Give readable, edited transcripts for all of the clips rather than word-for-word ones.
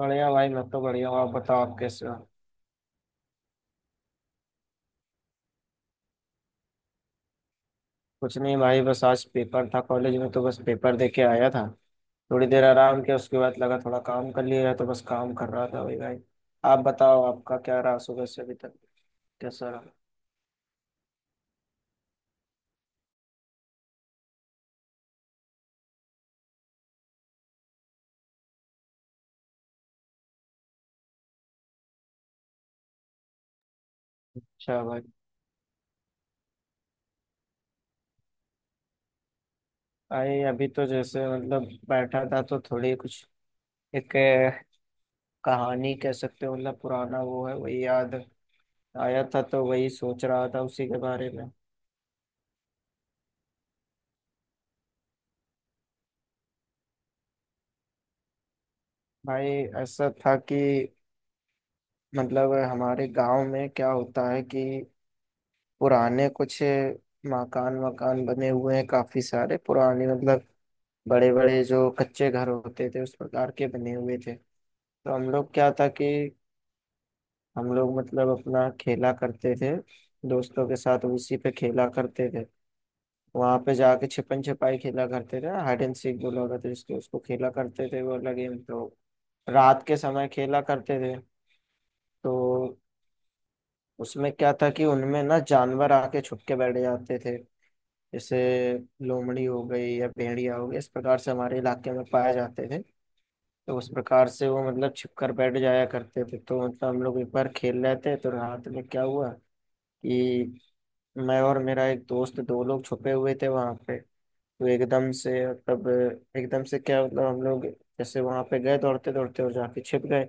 बढ़िया भाई। मैं तो बढ़िया हूँ। आप बताओ, आप कैसे हो? कुछ नहीं भाई, बस आज पेपर था कॉलेज में, तो बस पेपर दे के आया था। थोड़ी देर आराम किया, उसके बाद लगा थोड़ा काम कर लिया जाए, तो बस काम कर रहा था। भाई भाई, आप बताओ आपका क्या रहा सुबह से अभी तक? कैसा रहा? अच्छा भाई। भाई, अभी तो जैसे मतलब बैठा था, तो थोड़ी कुछ एक कहानी कह सकते हो। मतलब पुराना वो है, वही याद आया था, तो वही सोच रहा था उसी के बारे में। भाई ऐसा था कि मतलब हमारे गांव में क्या होता है कि पुराने कुछ मकान मकान बने हुए हैं काफी सारे, पुराने मतलब बड़े बड़े जो कच्चे घर होते थे उस प्रकार के बने हुए थे। तो हम लोग क्या था कि हम लोग मतलब अपना खेला करते थे दोस्तों के साथ, उसी पे खेला करते थे। वहां पे जाके छिपन छिपाई खेला करते थे, हाइड एंड सीक बोला होता था जिसको उसको, खेला करते थे वो लगे तो। रात के समय खेला करते थे। तो उसमें क्या था कि उनमें ना जानवर आके छुप के बैठ जाते थे। जैसे लोमड़ी हो गई या भेड़िया हो गई, इस प्रकार से हमारे इलाके में पाए जाते थे। तो उस प्रकार से वो मतलब छिप कर बैठ जाया करते थे। तो मतलब हम लोग एक बार खेल रहे थे तो रात में क्या हुआ कि मैं और मेरा एक दोस्त दो लोग छुपे हुए थे वहां पे। तो एकदम से मतलब एकदम से क्या, मतलब हम लोग जैसे वहां पे गए दौड़ते दौड़ते और जाके छिप गए।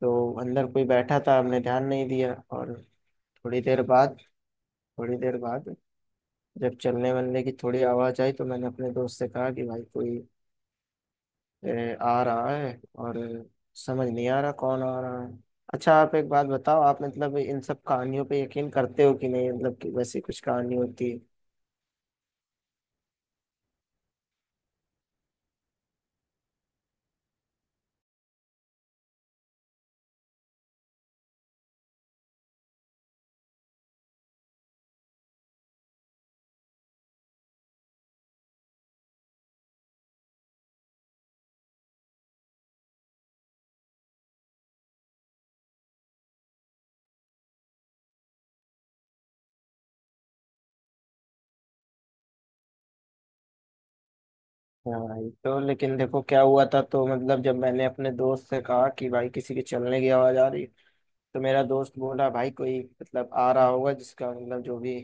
तो अंदर कोई बैठा था, हमने ध्यान नहीं दिया। और थोड़ी देर बाद थोड़ी देर बाद जब चलने वलने की थोड़ी आवाज आई, तो मैंने अपने दोस्त से कहा कि भाई कोई आ रहा है, और समझ नहीं आ रहा कौन आ रहा है। अच्छा आप एक बात बताओ, आप मतलब इन सब कहानियों पे यकीन करते हो कि नहीं, मतलब कि वैसी कुछ कहानी होती है। हाँ ये तो, लेकिन देखो क्या हुआ था। तो मतलब जब मैंने अपने दोस्त से कहा कि भाई किसी के चलने की आवाज आ रही, तो मेरा दोस्त बोला भाई कोई मतलब आ रहा होगा, जिसका मतलब जो भी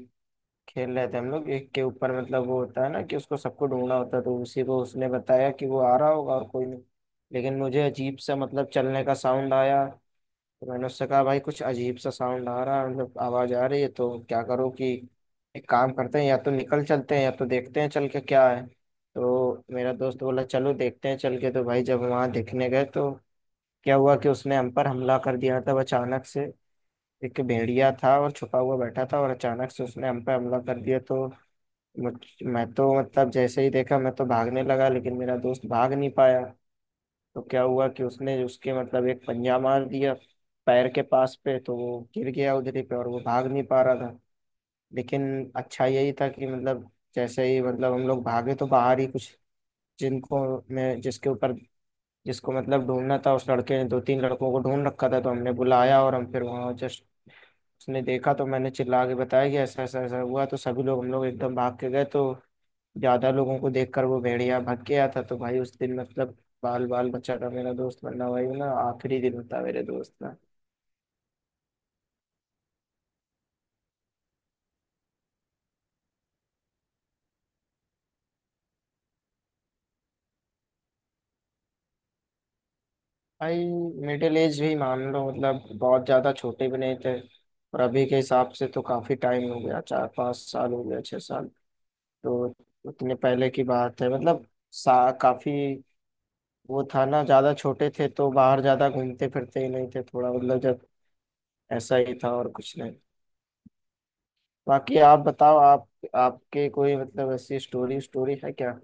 खेल रहे थे हम लोग एक के ऊपर मतलब वो होता है ना कि उसको सबको ढूंढना होता है, तो उसी को उसने बताया कि वो आ रहा होगा और कोई नहीं। लेकिन मुझे अजीब सा मतलब चलने का साउंड आया। तो मैंने उससे कहा भाई कुछ अजीब सा साउंड आ रहा है, मतलब आवाज आ रही है, तो क्या करो कि एक काम करते हैं, या तो निकल चलते हैं या तो देखते हैं चल के क्या है। तो मेरा दोस्त बोला चलो देखते हैं चल के। तो भाई जब वहां देखने गए तो क्या हुआ कि उसने हम पर हमला कर दिया था वो, अचानक से। एक भेड़िया था और छुपा हुआ बैठा था, और अचानक से उसने हम पर हमला कर दिया। तो मुझ मैं तो मतलब जैसे ही देखा मैं तो भागने लगा, लेकिन मेरा दोस्त भाग नहीं पाया। तो क्या हुआ कि उसने उसके मतलब एक पंजा मार दिया पैर के पास पे, तो वो गिर गया उधर ही पे, और वो भाग नहीं पा रहा था। लेकिन अच्छा यही था कि मतलब जैसे ही मतलब हम लोग भागे तो बाहर ही कुछ जिनको मैं जिसके ऊपर जिसको मतलब ढूंढना था उस लड़के ने दो तीन लड़कों को ढूंढ रखा था, तो हमने बुलाया और हम फिर वहाँ जस्ट उसने देखा, तो मैंने चिल्ला के बताया कि ऐसा ऐसा ऐसा हुआ, तो सभी लोग हम लोग एकदम भाग के गए। तो ज्यादा लोगों को देखकर वो भेड़िया भाग गया था। तो भाई उस दिन मतलब बाल बाल बच्चा था मेरा दोस्त, वरना भाई ना आखिरी दिन था मेरे दोस्त का। भाई मिडिल एज भी मान लो, मतलब बहुत ज्यादा छोटे भी नहीं थे। और अभी के हिसाब से तो काफी टाइम हो गया, 4-5 साल हो गया, 6 साल। तो उतने पहले की बात है मतलब सा काफी। वो था ना ज्यादा छोटे थे तो बाहर ज्यादा घूमते फिरते ही नहीं थे, थोड़ा मतलब जब। ऐसा ही था और कुछ नहीं। बाकी आप बताओ, आप आपके कोई मतलब ऐसी स्टोरी स्टोरी है क्या?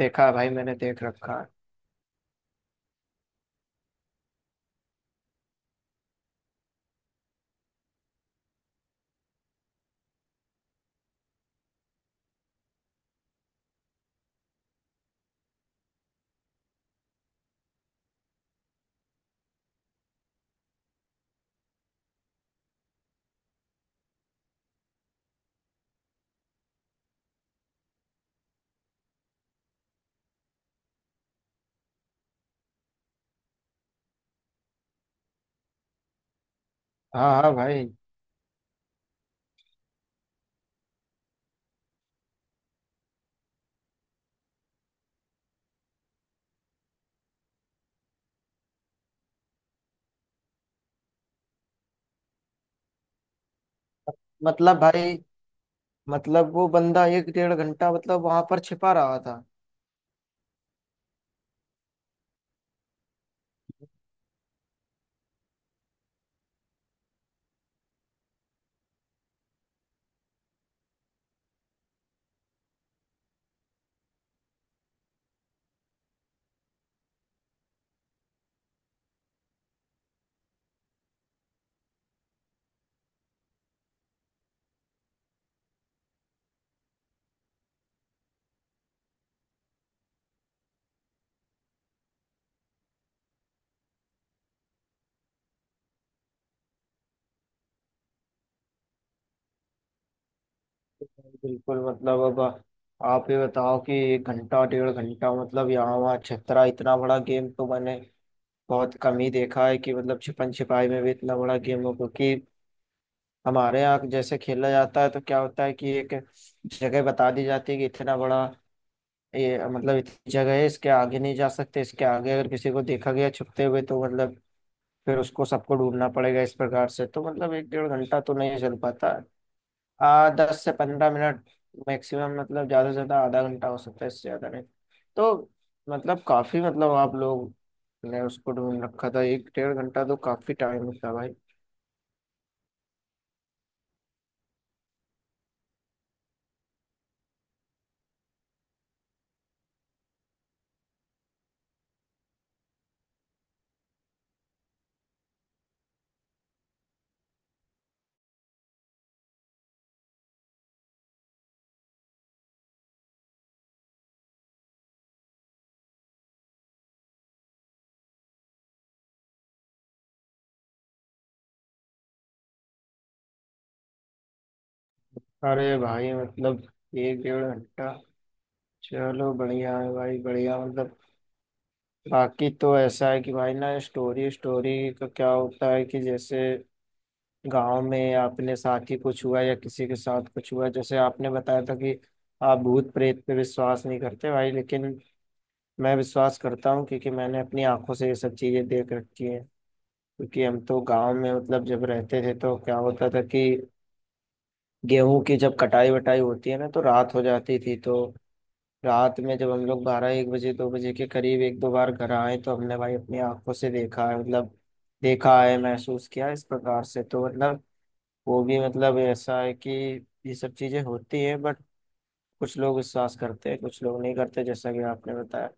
देखा है भाई, मैंने देख रखा है। हाँ हाँ भाई। मतलब भाई मतलब वो बंदा एक डेढ़ घंटा मतलब वहां पर छिपा रहा था। बिल्कुल मतलब, अब आप ये बताओ कि एक घंटा डेढ़ घंटा मतलब यहाँ वहाँ छितरा, इतना बड़ा गेम तो मैंने बहुत कम ही देखा है कि मतलब छिपन छिपाई में भी इतना बड़ा गेम हो। क्योंकि हमारे यहाँ जैसे खेला जाता है तो क्या होता है कि एक जगह बता दी जाती है कि इतना बड़ा ये मतलब इतनी जगह है, इसके आगे नहीं जा सकते, इसके आगे अगर किसी को देखा गया छुपते हुए तो मतलब फिर उसको सबको ढूंढना पड़ेगा इस प्रकार से। तो मतलब एक डेढ़ घंटा तो नहीं चल पाता। आ 10 से 15 मिनट मैक्सिमम, मतलब ज्यादा से ज्यादा आधा घंटा हो सकता है, इससे ज्यादा नहीं। तो मतलब काफी, मतलब आप लोग ने उसको ढूंढ रखा था एक डेढ़ घंटा, तो काफी टाइम था भाई। अरे भाई मतलब एक डेढ़ घंटा, चलो बढ़िया है भाई, बढ़िया मतलब। बाकी तो ऐसा है कि भाई ना स्टोरी स्टोरी का क्या होता है कि जैसे गांव में अपने साथ ही कुछ हुआ या किसी के साथ कुछ हुआ, जैसे आपने बताया था कि आप भूत प्रेत पे विश्वास नहीं करते भाई। लेकिन मैं विश्वास करता हूँ, क्योंकि मैंने अपनी आंखों से ये सब चीजें देख रखी हैं। क्योंकि हम तो गांव में मतलब जब रहते थे तो क्या होता था कि गेहूं की जब कटाई वटाई होती है ना तो रात हो जाती थी, तो रात में जब हम लोग बारह एक बजे दो बजे के करीब एक दो बार घर आए, तो हमने भाई अपनी आंखों से देखा है, मतलब देखा है, महसूस किया है इस प्रकार से। तो मतलब वो भी मतलब ऐसा है कि ये सब चीजें होती हैं, बट कुछ लोग विश्वास करते हैं, कुछ लोग नहीं करते, जैसा कि आपने बताया।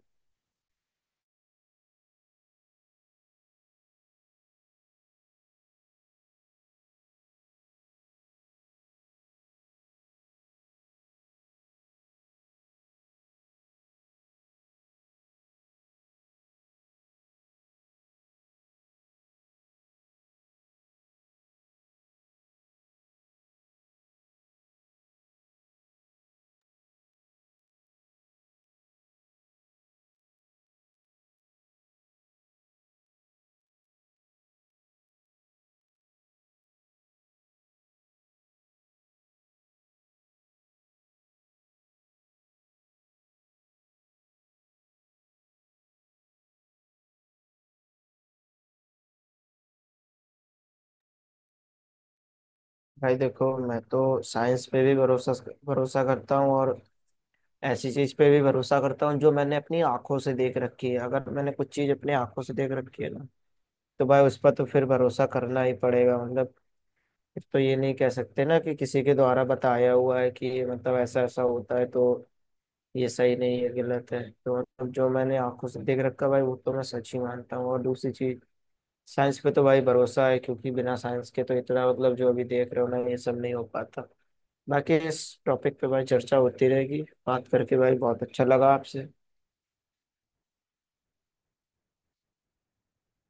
भाई देखो, मैं तो साइंस पे भी भरोसा भरोसा करता हूँ, और ऐसी चीज पे भी भरोसा करता हूँ जो मैंने अपनी आंखों से देख रखी है। अगर मैंने कुछ चीज अपनी आंखों से देख रखी है ना, तो भाई उस पर तो फिर भरोसा करना ही पड़ेगा मतलब। फिर तो ये नहीं कह सकते ना कि किसी के द्वारा बताया हुआ है कि ये मतलब ऐसा ऐसा होता है, तो ये सही नहीं है, गलत है। तो मतलब जो मैंने आंखों से देख रखा है भाई, वो तो मैं सच ही मानता हूँ। और दूसरी चीज, साइंस पे तो भाई भरोसा है, क्योंकि बिना साइंस के तो इतना मतलब जो अभी देख रहे हो ना ये सब नहीं हो पाता। बाकी इस टॉपिक पे भाई चर्चा होती रहेगी। बात करके भाई बहुत अच्छा लगा आपसे।